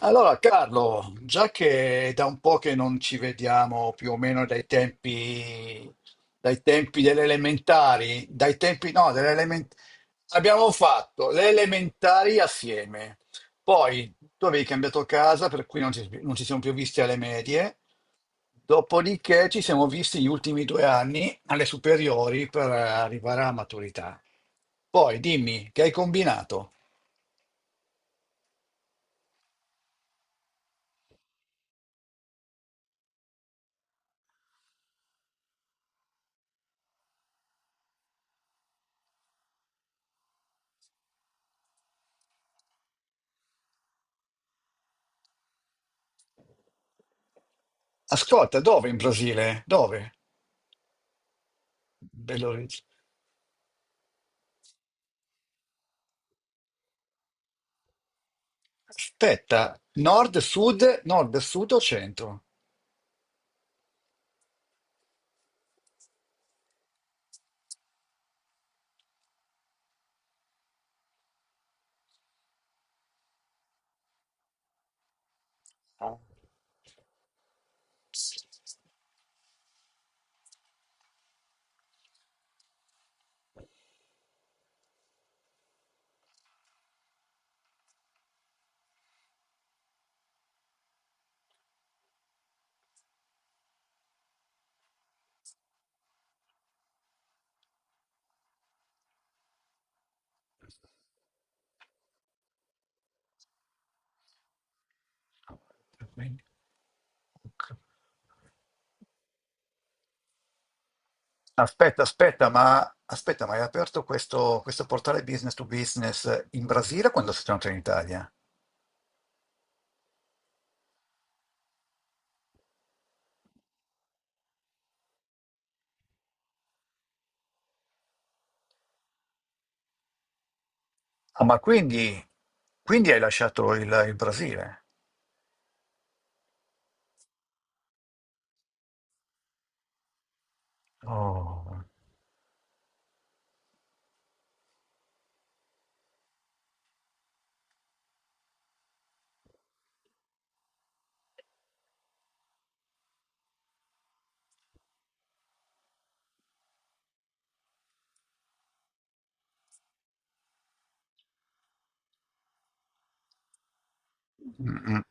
Allora, Carlo, già che è da un po' che non ci vediamo più o meno dai tempi delle elementari, dai tempi no, delle element- abbiamo fatto le elementari assieme, poi tu avevi cambiato casa, per cui non ci siamo più visti alle medie, dopodiché ci siamo visti gli ultimi due anni alle superiori per arrivare alla maturità. Poi dimmi, che hai combinato? Ascolta, dove in Brasile? Dove? Belo Aspetta, nord, sud o centro? Aspetta, aspetta, ma hai aperto questo portale business to business in Brasile quando sei tornato in Italia? Ah, ma quindi hai lasciato il Brasile? Oh. Mm, mm.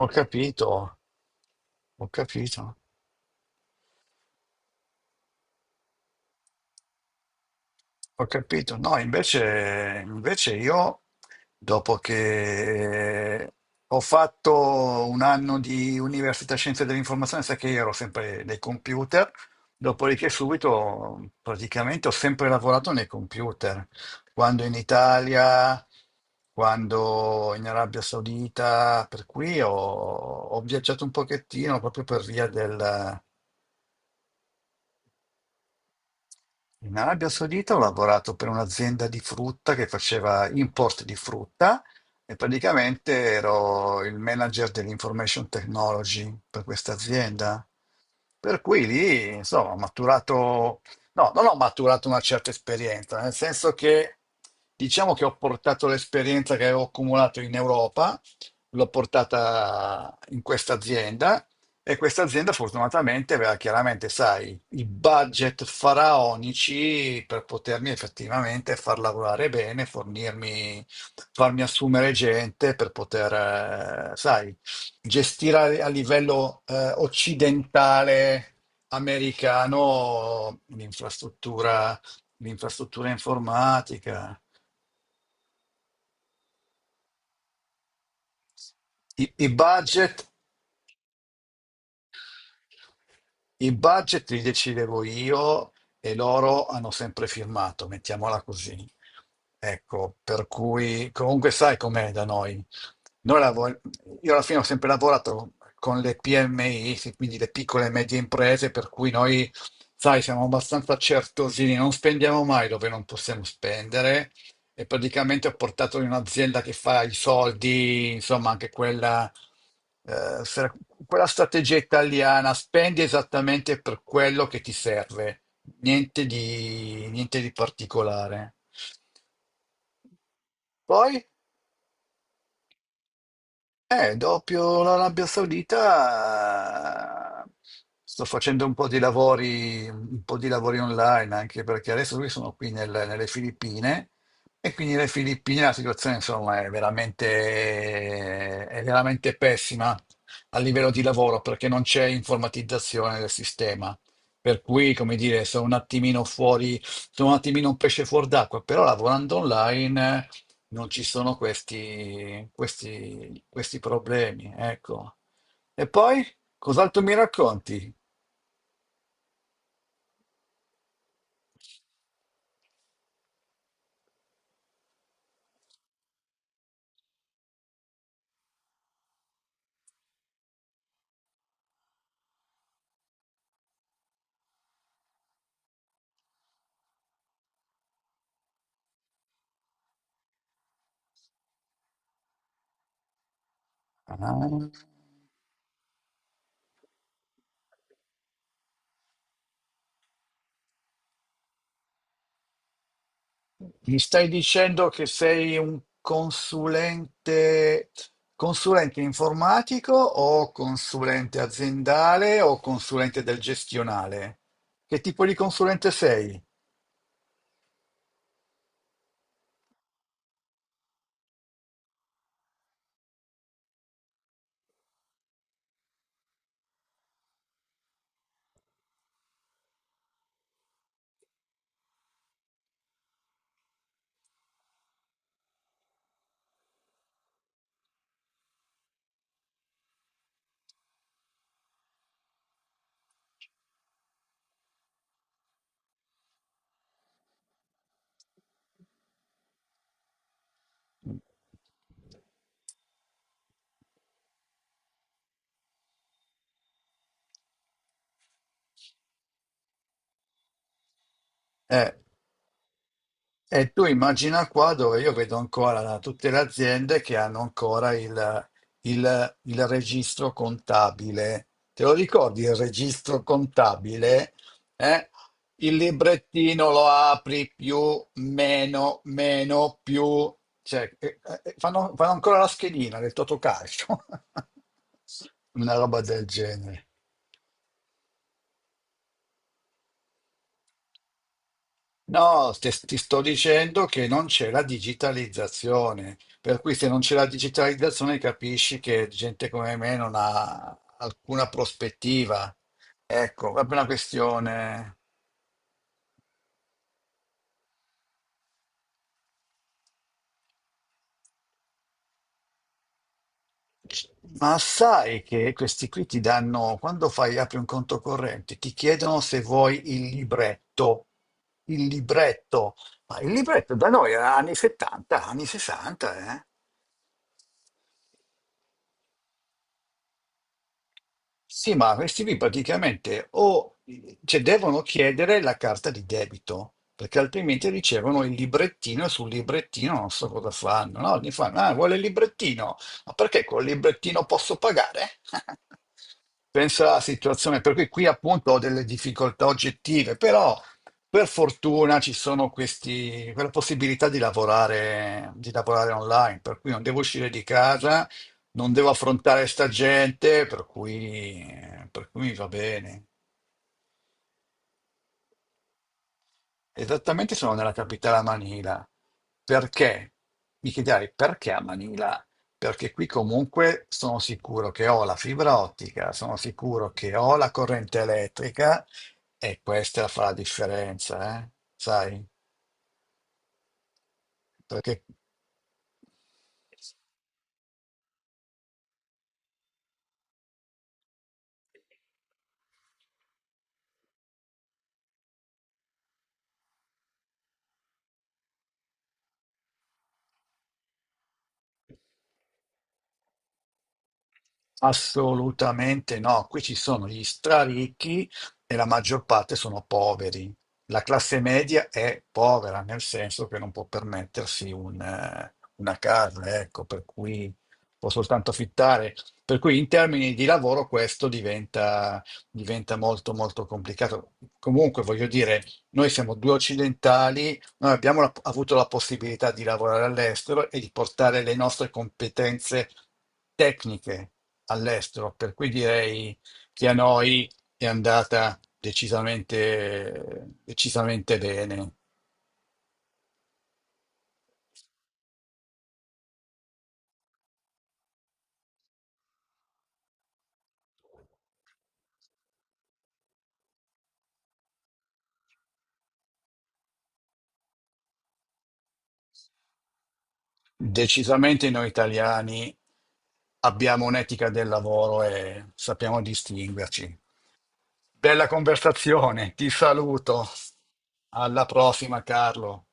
Ho capito, ho capito. Ho capito, no, invece io, dopo che ho fatto un anno di Università Scienze dell'Informazione, sai che io ero sempre nei computer, dopodiché subito praticamente ho sempre lavorato nei computer, quando in Italia, quando in Arabia Saudita, per cui ho viaggiato un pochettino proprio per via del. In Arabia Saudita ho lavorato per un'azienda di frutta che faceva import di frutta e praticamente ero il manager dell'information technology per questa azienda. Per cui lì, insomma, ho maturato, no, non ho maturato una certa esperienza, nel senso che diciamo che ho portato l'esperienza che avevo accumulato in Europa, l'ho portata in questa azienda e questa azienda fortunatamente aveva chiaramente, sai, i budget faraonici per potermi effettivamente far lavorare bene, fornirmi, farmi assumere gente per poter, sai, gestire a livello occidentale americano l'infrastruttura, l'infrastruttura informatica. I, i budget I budget li decidevo io e loro hanno sempre firmato, mettiamola così. Ecco, per cui comunque sai com'è da noi. Noi lavor- io alla fine ho sempre lavorato con le PMI, sì, quindi le piccole e medie imprese, per cui noi, sai, siamo abbastanza certosini, non spendiamo mai dove non possiamo spendere e praticamente ho portato in un'azienda che fa i soldi, insomma, anche quella, eh, se- quella strategia italiana, spendi esattamente per quello che ti serve, niente di particolare. Poi? Dopo l'Arabia Saudita sto facendo un po' di lavori, un po' di lavori online, anche perché adesso qui sono qui nelle Filippine e quindi nelle Filippine la situazione insomma è veramente pessima a livello di lavoro perché non c'è informatizzazione del sistema. Per cui, come dire, sono un attimino fuori, sono un attimino un pesce fuor d'acqua, però lavorando online non ci sono questi problemi, ecco. E poi, cos'altro mi racconti? Ah, mi stai dicendo che sei un consulente, consulente informatico o consulente aziendale o consulente del gestionale? Che tipo di consulente sei? Eh. E tu immagina qua dove io vedo ancora tutte le aziende che hanno ancora il registro contabile. Te lo ricordi il registro contabile? Eh? Il librettino lo apri più, meno, meno, più. Cioè, fanno ancora la schedina del Totocalcio. Una roba del genere. No, ti sto dicendo che non c'è la digitalizzazione, per cui se non c'è la digitalizzazione capisci che gente come me non ha alcuna prospettiva. Ecco, proprio una questione. Ma sai che questi qui ti danno, quando fai, apri un conto corrente, ti chiedono se vuoi il libretto. Il libretto. Ma il libretto da noi era anni 70, anni 60, eh? Sì, ma questi qui praticamente o cioè, devono chiedere la carta di debito, perché altrimenti ricevono il librettino e sul librettino non so cosa fanno. No? Gli fanno, ah, vuole il librettino, ma perché col librettino posso pagare? Pensa alla situazione, per cui qui appunto ho delle difficoltà oggettive, però per fortuna ci sono quella possibilità di lavorare, online, per cui non devo uscire di casa, non devo affrontare sta gente, per cui mi va bene. Esattamente sono nella capitale a Manila. Perché? Mi chiederai perché a Manila? Perché qui comunque sono sicuro che ho la fibra ottica, sono sicuro che ho la corrente elettrica e questa fa la differenza, eh? Sai? Perché? Assolutamente no, qui ci sono gli straricchi e la maggior parte sono poveri. La classe media è povera, nel senso che non può permettersi una casa, ecco, per cui può soltanto affittare. Per cui in termini di lavoro questo diventa, molto molto complicato. Comunque, voglio dire, noi siamo due occidentali, noi abbiamo avuto la possibilità di lavorare all'estero e di portare le nostre competenze tecniche all'estero, per cui direi che a noi è andata decisamente, decisamente bene. Decisamente noi italiani abbiamo un'etica del lavoro e sappiamo distinguerci. Bella conversazione, ti saluto. Alla prossima, Carlo.